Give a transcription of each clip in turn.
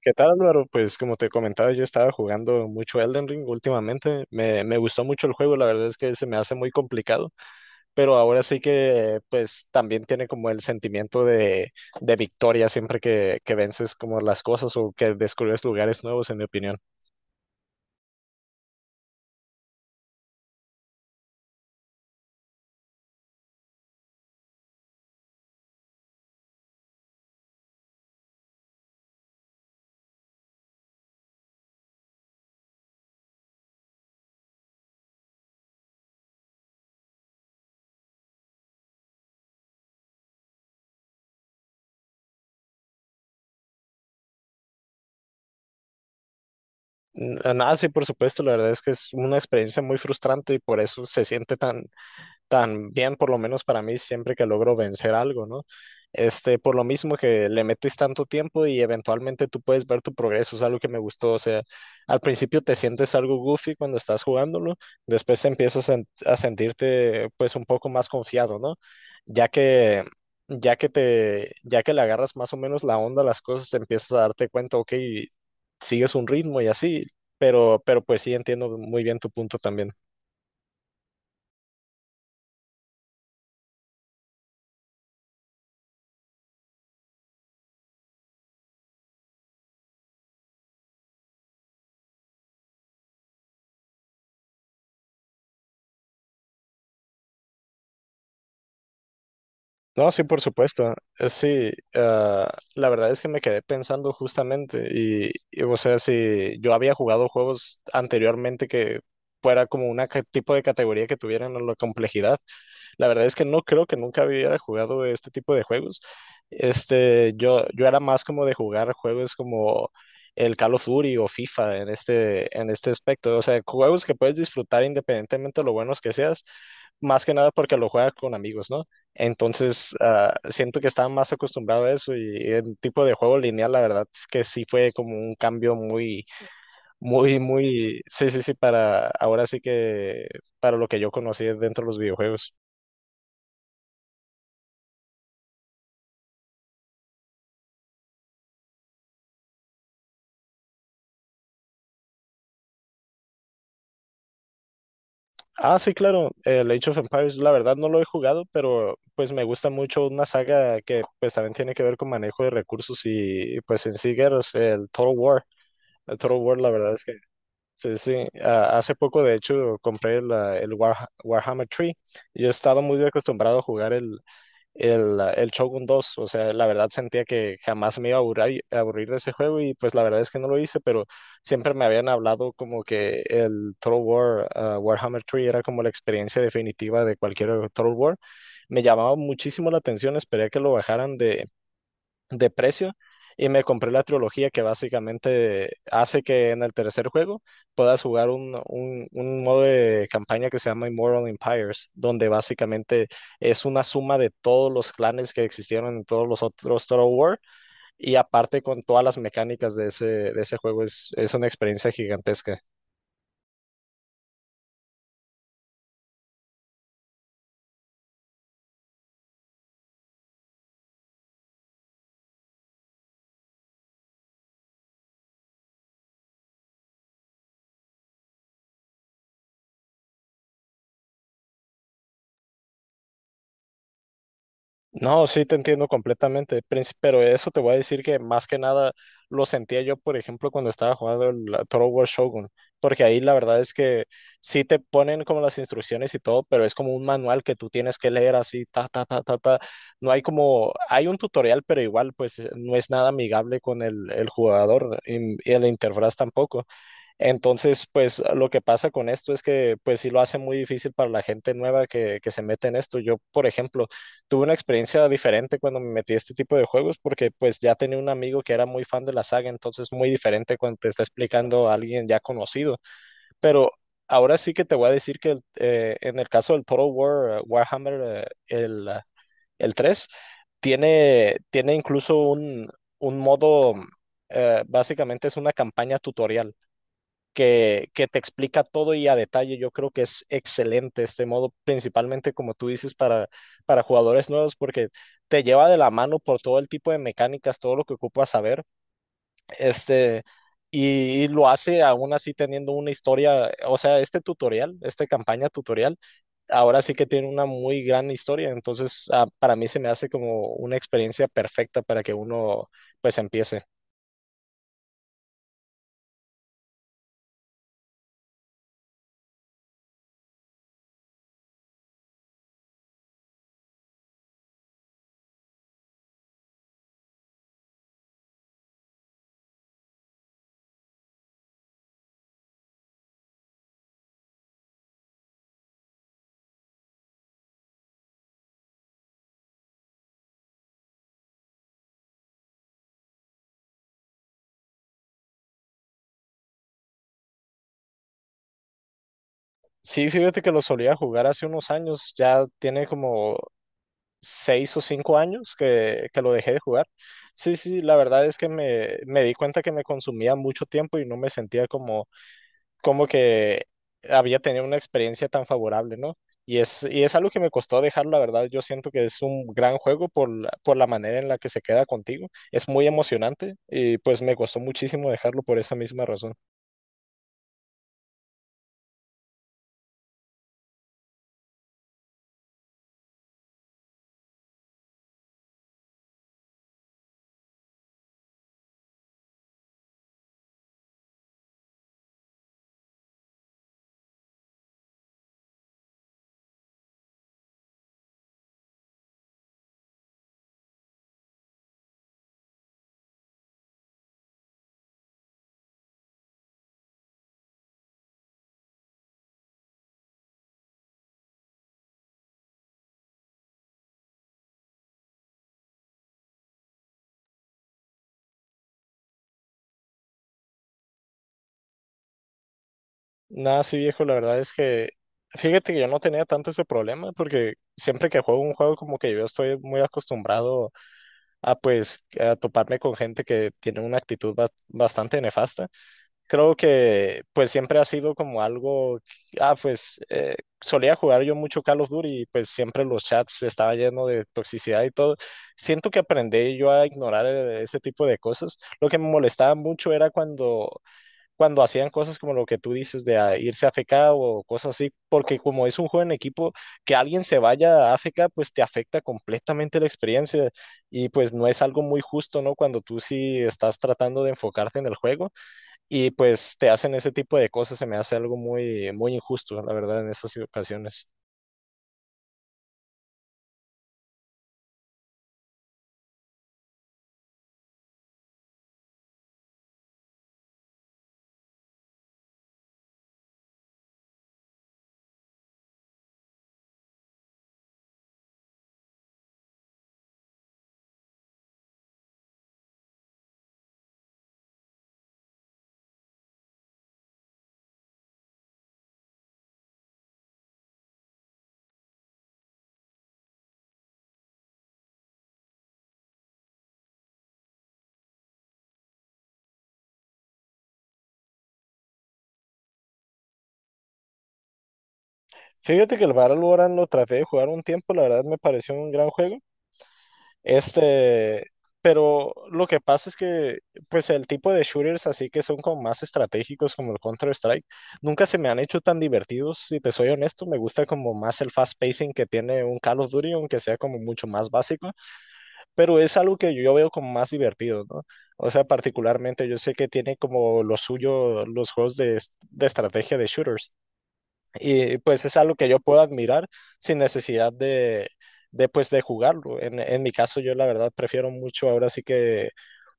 ¿Qué tal, Álvaro? Pues como te comentaba, yo estaba jugando mucho Elden Ring últimamente. Me gustó mucho el juego, la verdad es que se me hace muy complicado, pero ahora sí que pues también tiene como el sentimiento de victoria siempre que vences como las cosas o que descubres lugares nuevos, en mi opinión. Nada, sí, por supuesto, la verdad es que es una experiencia muy frustrante y por eso se siente tan, también, por lo menos para mí, siempre que logro vencer algo, ¿no? Este, por lo mismo que le metes tanto tiempo y eventualmente tú puedes ver tu progreso, es algo que me gustó, o sea, al principio te sientes algo goofy cuando estás jugándolo, después empiezas a sentirte pues un poco más confiado, ¿no? Ya que ya que le agarras más o menos la onda a las cosas, empiezas a darte cuenta, ok, sigues un ritmo y así, pero pues sí entiendo muy bien tu punto también. No, sí, por supuesto. Sí, la verdad es que me quedé pensando justamente y, o sea, si yo había jugado juegos anteriormente que fuera como una tipo de categoría que tuvieran la complejidad. La verdad es que no creo que nunca hubiera jugado este tipo de juegos. Este, yo era más como de jugar juegos como el Call of Duty o FIFA en en este aspecto. O sea, juegos que puedes disfrutar independientemente de lo buenos que seas, más que nada porque lo juegas con amigos, ¿no? Entonces, siento que estaba más acostumbrado a eso y el tipo de juego lineal, la verdad es que sí fue como un cambio sí, sí, sí, para ahora sí que para lo que yo conocí dentro de los videojuegos. Ah, sí, claro. El Age of Empires, la verdad no lo he jugado, pero pues me gusta mucho una saga que pues también tiene que ver con manejo de recursos y pues en sí guerras, el Total War. El Total War, la verdad es que sí, sí. Ah, hace poco, de hecho, compré el Warhammer 3. Yo estaba muy acostumbrado a jugar el Shogun dos. O sea, la verdad sentía que jamás me iba a aburrir de ese juego y pues la verdad es que no lo hice, pero siempre me habían hablado como que el Total War, Warhammer 3 era como la experiencia definitiva de cualquier Total War. Me llamaba muchísimo la atención, esperé a que lo bajaran de precio y me compré la trilogía que básicamente hace que en el tercer juego puedas jugar un modo de campaña que se llama Immortal Empires, donde básicamente es una suma de todos los clanes que existieron en todos los otros Total War y aparte con todas las mecánicas de de ese juego es una experiencia gigantesca. No, sí te entiendo completamente, Prince, pero eso te voy a decir que más que nada lo sentía yo, por ejemplo, cuando estaba jugando el la Total War Shogun, porque ahí la verdad es que sí te ponen como las instrucciones y todo, pero es como un manual que tú tienes que leer así, ta, ta, ta, ta, ta. No hay como, hay un tutorial, pero igual pues no es nada amigable con el jugador y la interfaz tampoco. Entonces, pues lo que pasa con esto es que pues sí lo hace muy difícil para la gente nueva que se mete en esto. Yo, por ejemplo, tuve una experiencia diferente cuando me metí a este tipo de juegos porque pues ya tenía un amigo que era muy fan de la saga, entonces muy diferente cuando te está explicando a alguien ya conocido. Pero ahora sí que te voy a decir que en el caso del Total War, Warhammer, el 3 tiene, tiene incluso un modo, básicamente es una campaña tutorial que te explica todo y a detalle. Yo creo que es excelente este modo, principalmente como tú dices, para jugadores nuevos, porque te lleva de la mano por todo el tipo de mecánicas, todo lo que ocupas saber. Este, y lo hace aún así teniendo una historia, o sea, este tutorial, esta campaña tutorial, ahora sí que tiene una muy gran historia. Entonces, para mí se me hace como una experiencia perfecta para que uno pues empiece. Sí, fíjate que lo solía jugar hace unos años, ya tiene como seis o cinco años que lo dejé de jugar. Sí, sí, la verdad es que me di cuenta que me consumía mucho tiempo y no me sentía como, como que había tenido una experiencia tan favorable, ¿no? Y es algo que me costó dejar, la verdad, yo siento que es un gran juego por, por la manera en la que se queda contigo. Es muy emocionante y pues me costó muchísimo dejarlo por esa misma razón. Nada, sí, viejo, la verdad es que fíjate que yo no tenía tanto ese problema porque siempre que juego un juego como que yo estoy muy acostumbrado a pues a toparme con gente que tiene una actitud bastante nefasta. Creo que pues siempre ha sido como algo, pues solía jugar yo mucho Call of Duty y pues siempre los chats estaban llenos de toxicidad y todo. Siento que aprendí yo a ignorar ese tipo de cosas. Lo que me molestaba mucho era cuando hacían cosas como lo que tú dices de irse a AFK o cosas así, porque como es un juego en equipo, que alguien se vaya a AFK, pues te afecta completamente la experiencia y pues no es algo muy justo, ¿no? Cuando tú sí estás tratando de enfocarte en el juego y pues te hacen ese tipo de cosas, se me hace algo muy, muy injusto, la verdad, en esas ocasiones. Fíjate que el Valorant lo traté de jugar un tiempo, la verdad me pareció un gran juego. Este, pero lo que pasa es que, pues el tipo de shooters así que son como más estratégicos como el Counter-Strike, nunca se me han hecho tan divertidos, si te soy honesto, me gusta como más el fast pacing que tiene un Call of Duty, aunque sea como mucho más básico, pero es algo que yo veo como más divertido, ¿no? O sea, particularmente yo sé que tiene como lo suyo los juegos de, de estrategia de shooters. Y pues es algo que yo puedo admirar sin necesidad de, pues, de jugarlo. En mi caso, yo la verdad prefiero mucho ahora sí que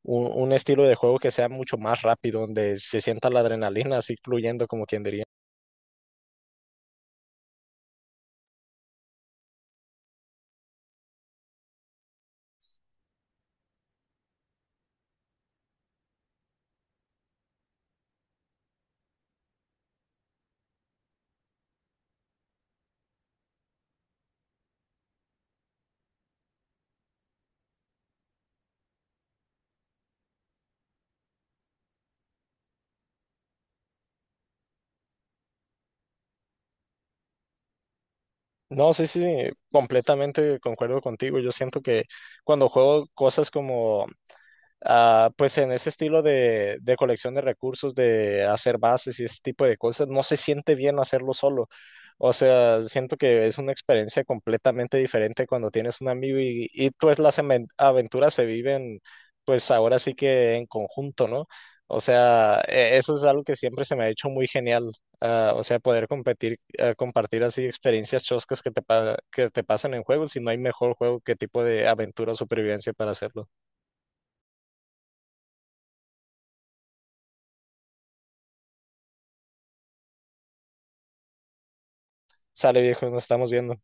un estilo de juego que sea mucho más rápido, donde se sienta la adrenalina así fluyendo, como quien diría. No, sí, sí, sí, completamente concuerdo contigo. Yo siento que cuando juego cosas como pues en ese estilo de colección de recursos, de hacer bases y ese tipo de cosas, no se siente bien hacerlo solo. O sea, siento que es una experiencia completamente diferente cuando tienes un amigo y pues las aventuras se viven, pues ahora sí que en conjunto, ¿no? O sea, eso es algo que siempre se me ha hecho muy genial. O sea, poder competir, compartir así experiencias choscas que que te pasan en juegos y no hay mejor juego que tipo de aventura o supervivencia para hacerlo. Sale viejo, nos estamos viendo.